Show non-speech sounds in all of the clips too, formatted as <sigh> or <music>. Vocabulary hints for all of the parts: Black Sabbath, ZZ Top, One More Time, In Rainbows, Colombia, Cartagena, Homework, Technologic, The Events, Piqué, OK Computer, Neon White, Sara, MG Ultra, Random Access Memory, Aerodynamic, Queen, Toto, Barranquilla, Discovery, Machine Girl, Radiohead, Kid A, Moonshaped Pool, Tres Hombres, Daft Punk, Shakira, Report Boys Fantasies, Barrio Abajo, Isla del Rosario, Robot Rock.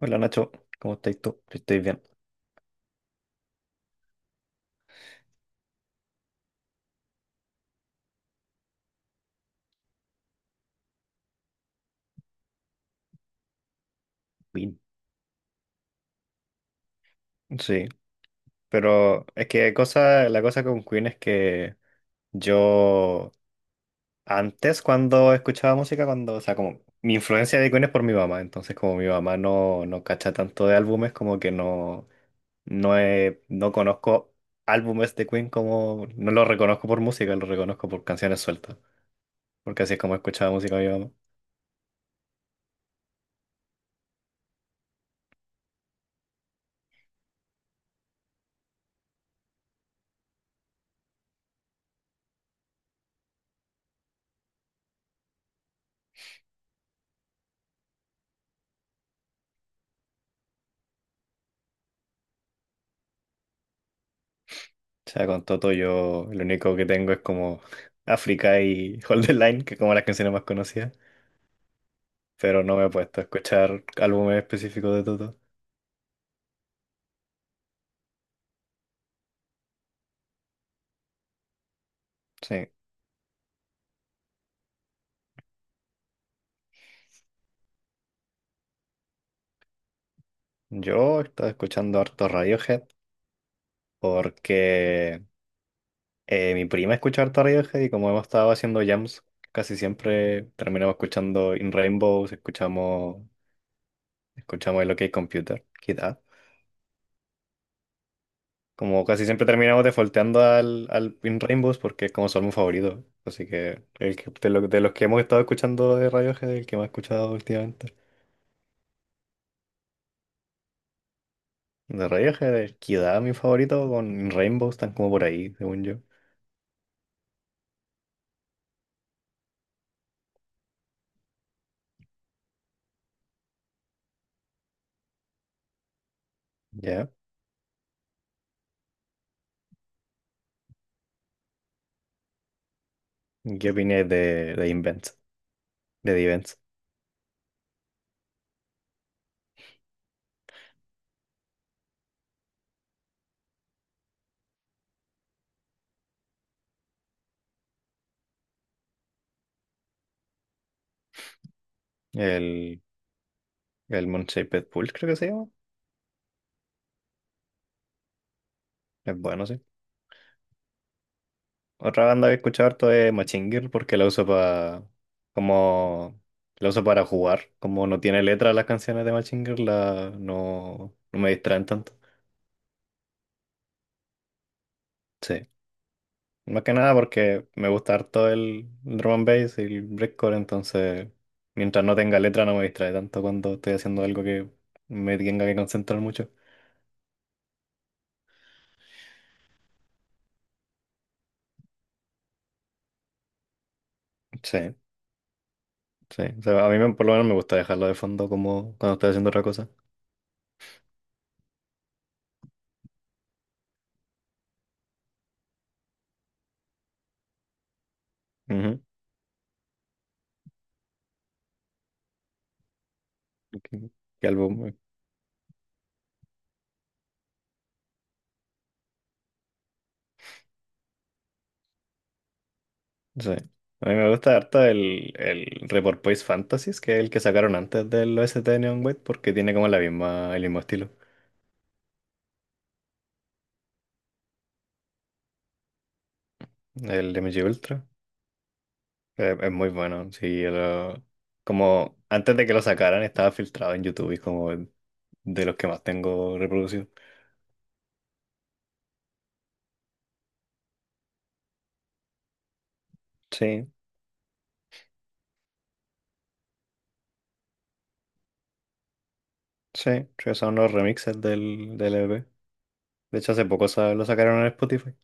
Hola Nacho, ¿cómo estás tú? Yo estoy bien. Bien. Sí, pero es que cosa, la cosa con Queen es que yo antes cuando escuchaba música, cuando, o sea, como mi influencia de Queen es por mi mamá, entonces como mi mamá no, no cacha tanto de álbumes, como que no, no, no conozco álbumes de Queen como, no los reconozco por música, los reconozco por canciones sueltas. Porque así es como escuchaba música mi mamá. O sea, con Toto yo lo único que tengo es como <laughs> África y Hold the Line, que es como las canciones más conocidas, pero no me he puesto a escuchar álbumes específicos de Toto. Sí, yo estaba escuchando harto Radiohead porque mi prima escucha harto Radiohead y como hemos estado haciendo jams, casi siempre terminamos escuchando In Rainbows, escuchamos el OK Computer, Kid A. Como casi siempre terminamos defaulteando al In Rainbows porque es como son mis favorito, así que, el que- de, lo- de los que hemos estado escuchando de Radiohead, el que más he escuchado últimamente. De Radiohead, el Kid A, mi favorito, con In Rainbows, están como por ahí, según yo. ¿Ya? ¿Qué opinas de Invent? De The Events. El, el Moonshaped Pool, creo que se llama. Es bueno, sí. Otra banda que he escuchado harto es Machine Girl porque la uso para como la uso para jugar. Como no tiene letra las canciones de Machine Girl, no, no me distraen tanto. Sí. Más que nada porque me gusta harto el drum and bass y el breakcore, entonces mientras no tenga letra no me distrae tanto cuando estoy haciendo algo que me tenga que concentrar mucho. Sí, sí. O sea, a mí por lo menos me gusta dejarlo de fondo como cuando estoy haciendo otra cosa. Ujú. ¿Qué, qué álbum? Sí. A mí me gusta harto el Report Boys Fantasies, que es el que sacaron antes del OST de Neon White, porque tiene como la misma, el mismo estilo. El MG Ultra. Es muy bueno. Sí, como antes de que lo sacaran estaba filtrado en YouTube y es como de los que más tengo reproducido. Sí, sí, sí, son los remixes del EP. De hecho, hace poco lo sacaron en Spotify.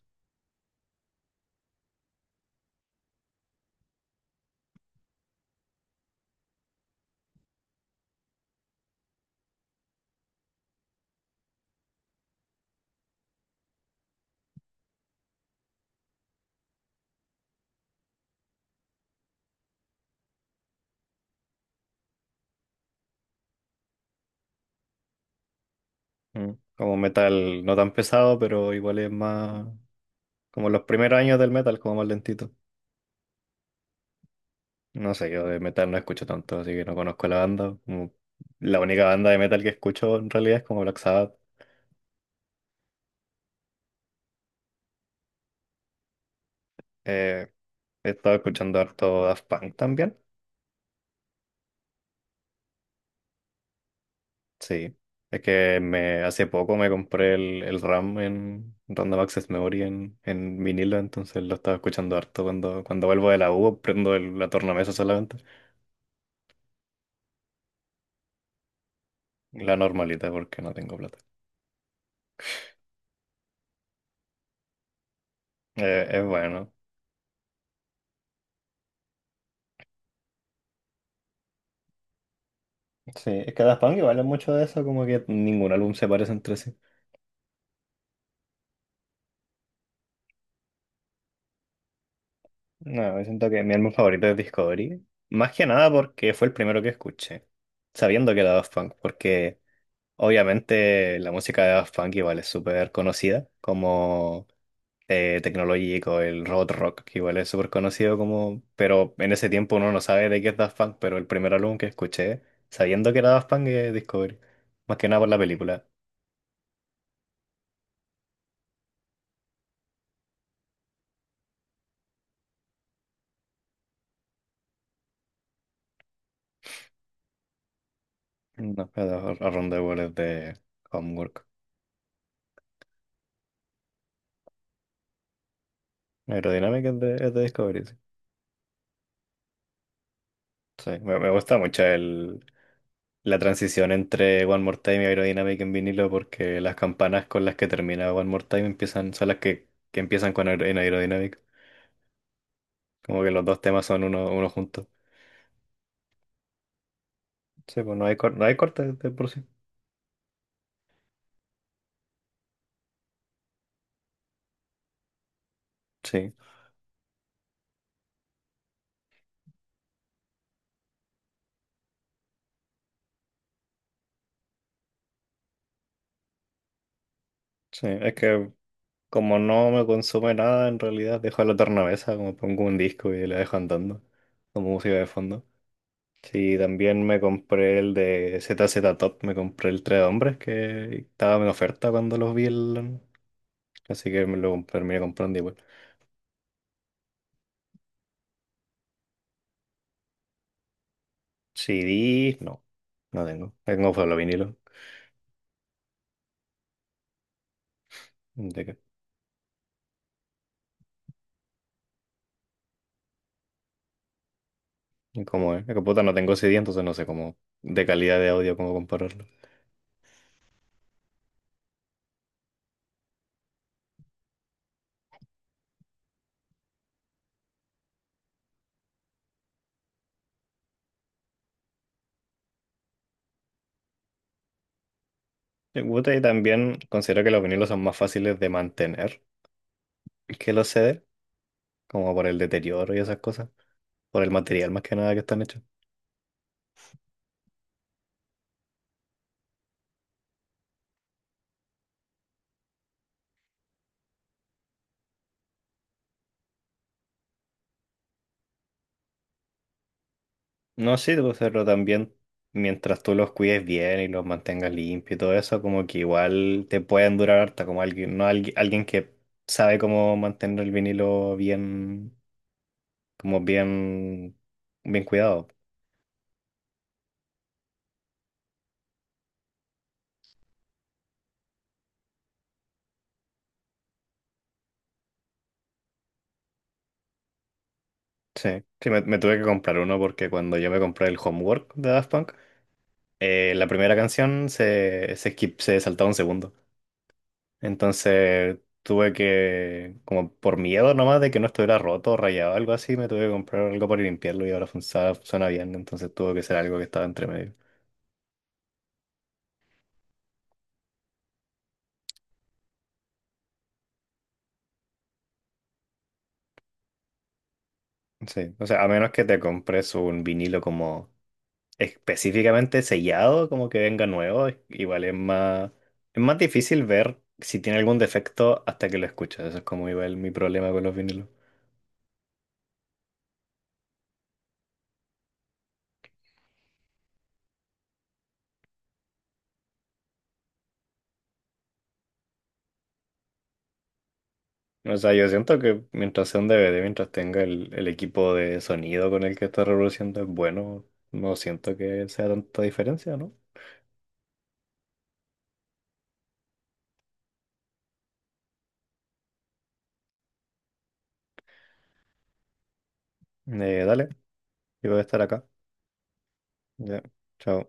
Mm. Como metal no tan pesado, pero igual es más como los primeros años del metal, como más lentito. No sé, yo de metal no escucho tanto, así que no conozco la banda. Como la única banda de metal que escucho en realidad es como Black Sabbath. Eh, he estado escuchando harto Daft Punk también. Sí. Es que hace poco me compré el RAM en Random Access Memory en vinilo, entonces lo estaba escuchando harto cuando vuelvo de la U, prendo la tornamesa solamente. La normalita porque no tengo plata. Es bueno. Sí, es que Daft Punk igual es mucho de eso, como que ningún álbum se parece entre sí. No, yo siento que mi álbum favorito es Discovery. Más que nada porque fue el primero que escuché, sabiendo que era Daft Punk, porque obviamente la música de Daft Punk igual es súper conocida, como Technologic o el Robot Rock, que igual es súper conocido como, pero en ese tiempo uno no sabe de qué es Daft Punk, pero el primer álbum que escuché, sabiendo que era Daft Punk, es Discovery. Más que nada por la película. No, pero Around the World es de Homework. Aerodinámica es de Discovery, sí. Sí, me gusta mucho la transición entre One More Time y Aerodynamic en vinilo porque las campanas con las que termina One More Time empiezan, son las que empiezan con en Aerodynamic. Como que los dos temas son uno juntos. Sí, pues no hay corte de por sí. Sí, sí, es que como no me consume nada, en realidad dejo la tornavesa, como pongo un disco y la dejo andando como música de fondo. Sí, también me compré el de ZZ Top, me compré el Tres Hombres que estaba en oferta cuando los vi, así que me lo terminé comprando igual. CDs, no, no tengo. Tengo solo vinilo. ¿De qué? ¿Cómo es? Es que puta, no tengo CD, entonces no sé cómo de calidad de audio, cómo compararlo. Me gusta y también considero que los vinilos son más fáciles de mantener que los CD, como por el deterioro y esas cosas, por el material más que nada que están hechos. No, sí, pues, pero también mientras tú los cuides bien y los mantengas limpios y todo eso, como que igual te pueden durar harta, como alguien, no alguien, alguien que sabe cómo mantener el vinilo bien como bien, bien cuidado. Sí, sí, me tuve que comprar uno porque cuando yo me compré el Homework de Daft Punk, la primera canción se saltaba un segundo. Entonces tuve que, como por miedo nomás de que no estuviera roto o rayado o algo así, me tuve que comprar algo para limpiarlo y ahora funciona, suena bien. Entonces tuvo que ser algo que estaba entre medio. Sí, o sea, a menos que te compres un vinilo como específicamente sellado, como que venga nuevo, igual es más difícil ver si tiene algún defecto hasta que lo escuchas. Eso es como igual mi problema con los vinilos. O sea, yo siento que mientras sea un DVD, mientras tenga el equipo de sonido con el que está reproduciendo es bueno, no siento que sea tanta diferencia, ¿no? Dale, yo voy a estar acá. Ya, chao.